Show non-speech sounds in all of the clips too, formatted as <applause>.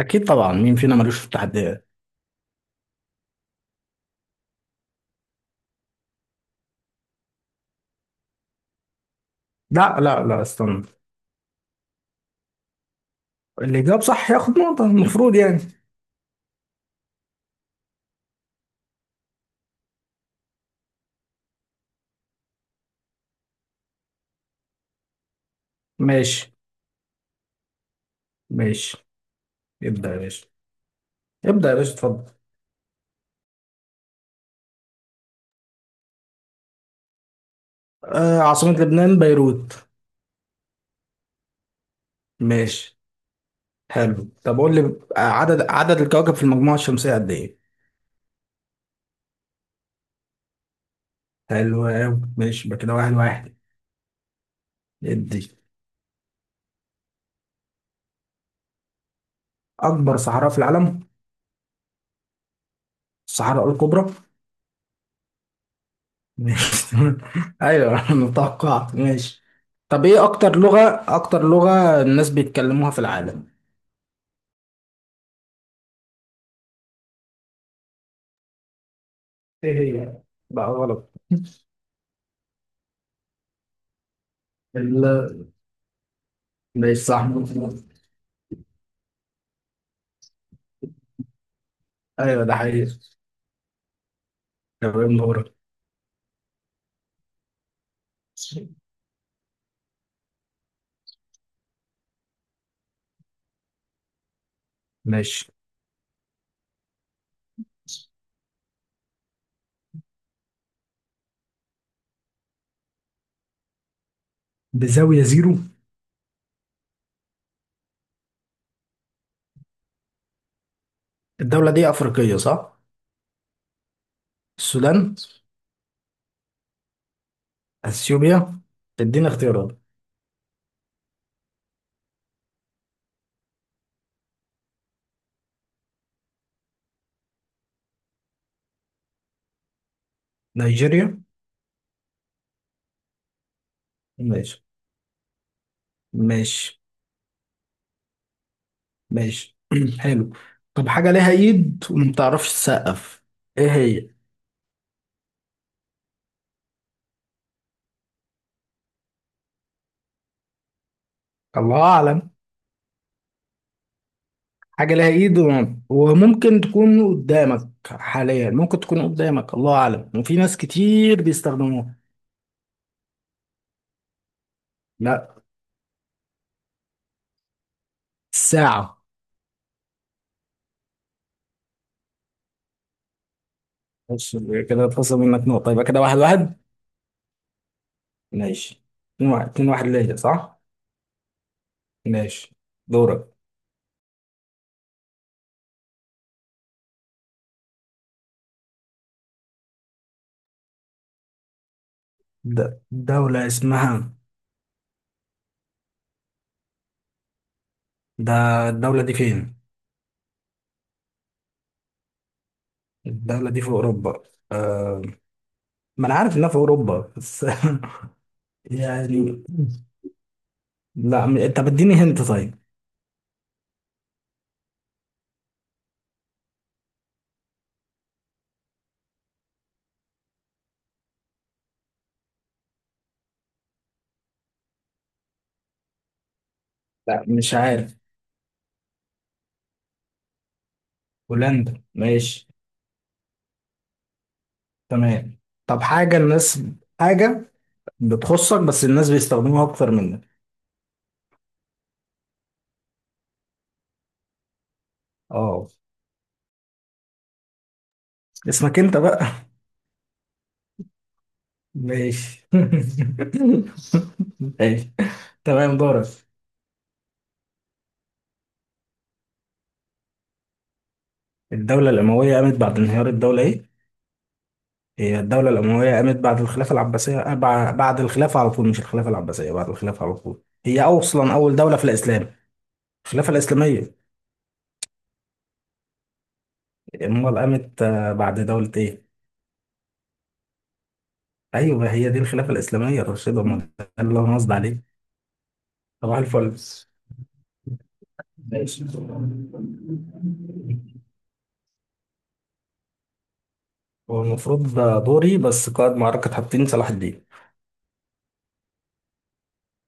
اكيد طبعا، مين فينا ملوش في التحديات؟ لا استنى. اللي جاب صح ياخد نقطة المفروض يعني. ماشي. ماشي. ابدأ يا باشا. ابدأ يا باشا، اتفضل. آه، عاصمة لبنان بيروت. ماشي. حلو، طب قول لي. عدد الكواكب في المجموعة الشمسية قد ايه؟ حلو أوي. ماشي، يبقى كده واحد واحد. ادي. اكبر صحراء في العالم الصحراء الكبرى. ماشي. <laughs> ايوه انا توقعت، ماشي. طب ايه اكتر لغة، اكتر لغة الناس بيتكلموها في العالم؟ ايه هي؟ لا، غلط. ال ماشي، صح. ايوه ده حقيقي. تمام، دورك. ماشي، بزاوية زيرو. الدولة دي أفريقية صح؟ السودان. أثيوبيا. تدينا اختيارات. نيجيريا. ماشي. ماشي. ماشي. <clears throat> حلو. طب حاجة ليها إيد وما بتعرفش تسقف، إيه هي؟ الله أعلم. حاجة ليها إيد وممكن تكون قدامك حاليا، ممكن تكون قدامك، الله أعلم، وفي ناس كتير بيستخدموها. لا. ساعة. بص، كده اتخصم منك نقطة، يبقى كده واحد واحد. ماشي، اتنين واحد، اتنين واحد ليا صح؟ ماشي، دورك. دولة اسمها ده. الدولة دي فين؟ الدولة دي في أوروبا. أه... ما أنا عارف إنها في أوروبا بس، <laughs> يعني. لا، طب اديني هنت طيب. لا مش عارف. هولندا، ماشي. تمام. طب حاجة الناس، حاجة بتخصك بس الناس بيستخدموها أكتر منك. اه. اسمك أنت بقى. ماشي. <laughs> ماشي. تمام، دورك. الدولة الأموية قامت بعد انهيار الدولة إيه؟ هي الدولة الأموية قامت بعد الخلافة العباسية، بعد الخلافة على طول. مش الخلافة العباسية، بعد الخلافة على طول. هي أصلا أول دولة في الإسلام. الخلافة الإسلامية. أمال قامت بعد دولة إيه؟ أيوه هي دي الخلافة الإسلامية يا رشيد، أمال ده اللي أنا قصدي عليه. صباح الفل. ماشي. هو المفروض ده دوري، بس قائد معركة حطين صلاح الدين.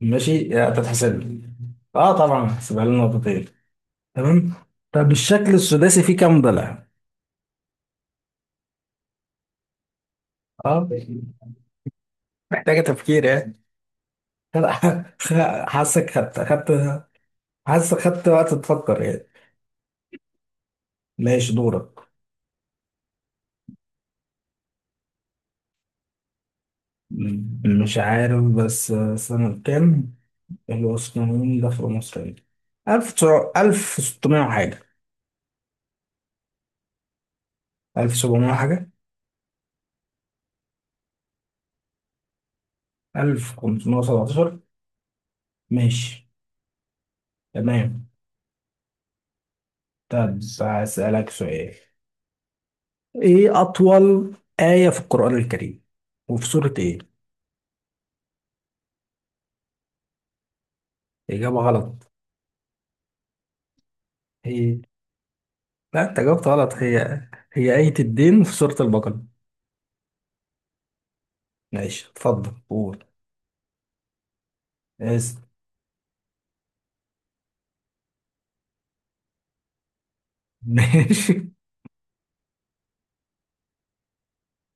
ماشي. تتحسب لي. اه طبعا هحسبها لنا نقطتين. تمام. طب الشكل السداسي فيه كام ضلع؟ اه. محتاجة تفكير يعني. <laughs> حاسك خدت. حاسك خدت وقت تفكر يعني. ماشي، دورك. مش عارف، بس سنة كام. العثمانيين دخلوا مصر يعني ألف تسع، ألف ستمية وحاجة. ألف سبعمية وحاجة. ألف خمسمية وسبعتاشر. ماشي. تمام. طب هسألك سؤال، ايه اطول آية في القرآن الكريم وفي سورة ايه؟ اجابة غلط. هي. لا انت جاوبت غلط. هي هي آية الدين في سورة البقرة. ماشي، اتفضل قول. اسف. <laughs> ماشي.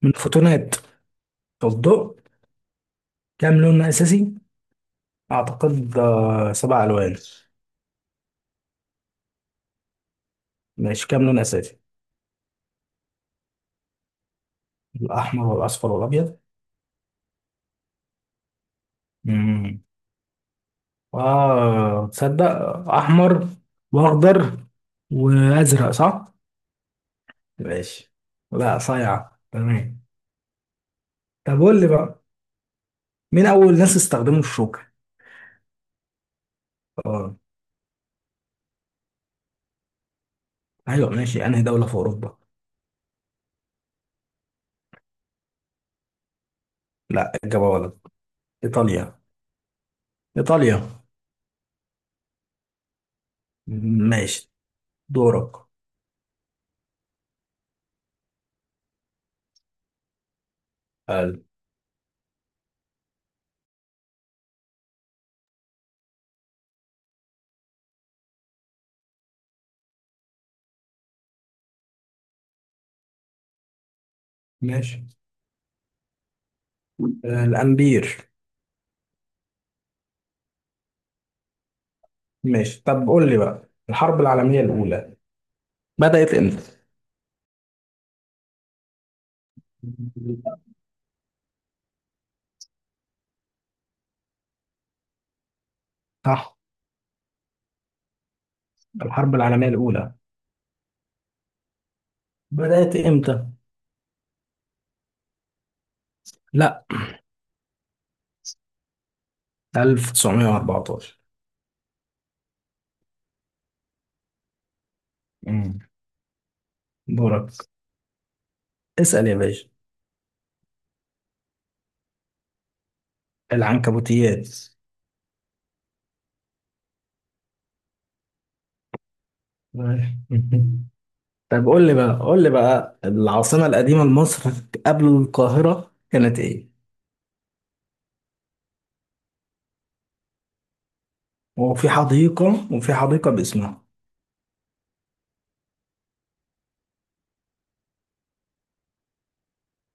من الفوتونات. الضوء. كام لون اساسي؟ اعتقد سبع الوان. ماشي، كام لون اساسي؟ الاحمر والاصفر والابيض. امم. اه تصدق. احمر واخضر وازرق صح. ماشي. لا صايعة تمام. طب قول لي بقى، مين اول ناس استخدموا الشوكه؟ اه. ايوه ماشي، انهي دوله في اوروبا؟ لا اجابه غلط. ايطاليا. ايطاليا. ماشي. دورك. حلو. ماشي، الامبير. ماشي طب قول لي بقى، الحرب العالميه الاولى بدات امتى؟ صح. الحرب العالميه الاولى بدات امتى؟ لا. 1914. مم. دورك. اسال يا باشا. العنكبوتيات. <laughs> طب قول لي بقى، قول لي بقى العاصمة القديمة لمصر قبل القاهرة كانت إيه؟ وفي حديقة، وفي حديقة باسمها.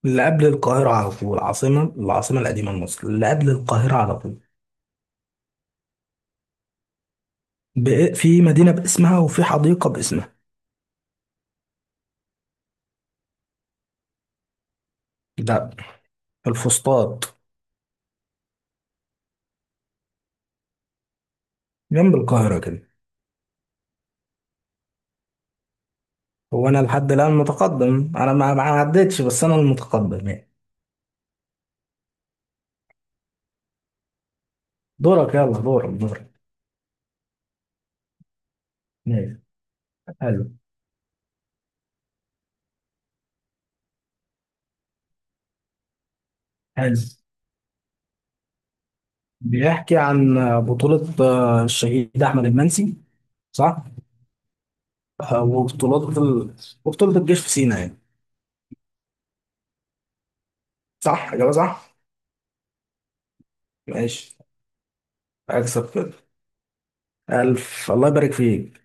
اللي قبل القاهرة على طول، العاصمة، العاصمة القديمة لمصر اللي قبل القاهرة على طول. في مدينة باسمها وفي حديقة باسمها. ده. في الفسطاط. جنب القاهرة كده. هو أنا لحد الآن متقدم، أنا ما عدتش، بس أنا المتقدم يعني. دورك، يلا دورك، دورك. ماشي، حلو. حلو، بيحكي عن، بطولة الشهيد أحمد المنسي، صح؟ وبطولات وبطولة الجيش في سينا يعني. صح، إجابة صح. ماشي. أكسب كده. ألف الله يبارك فيك.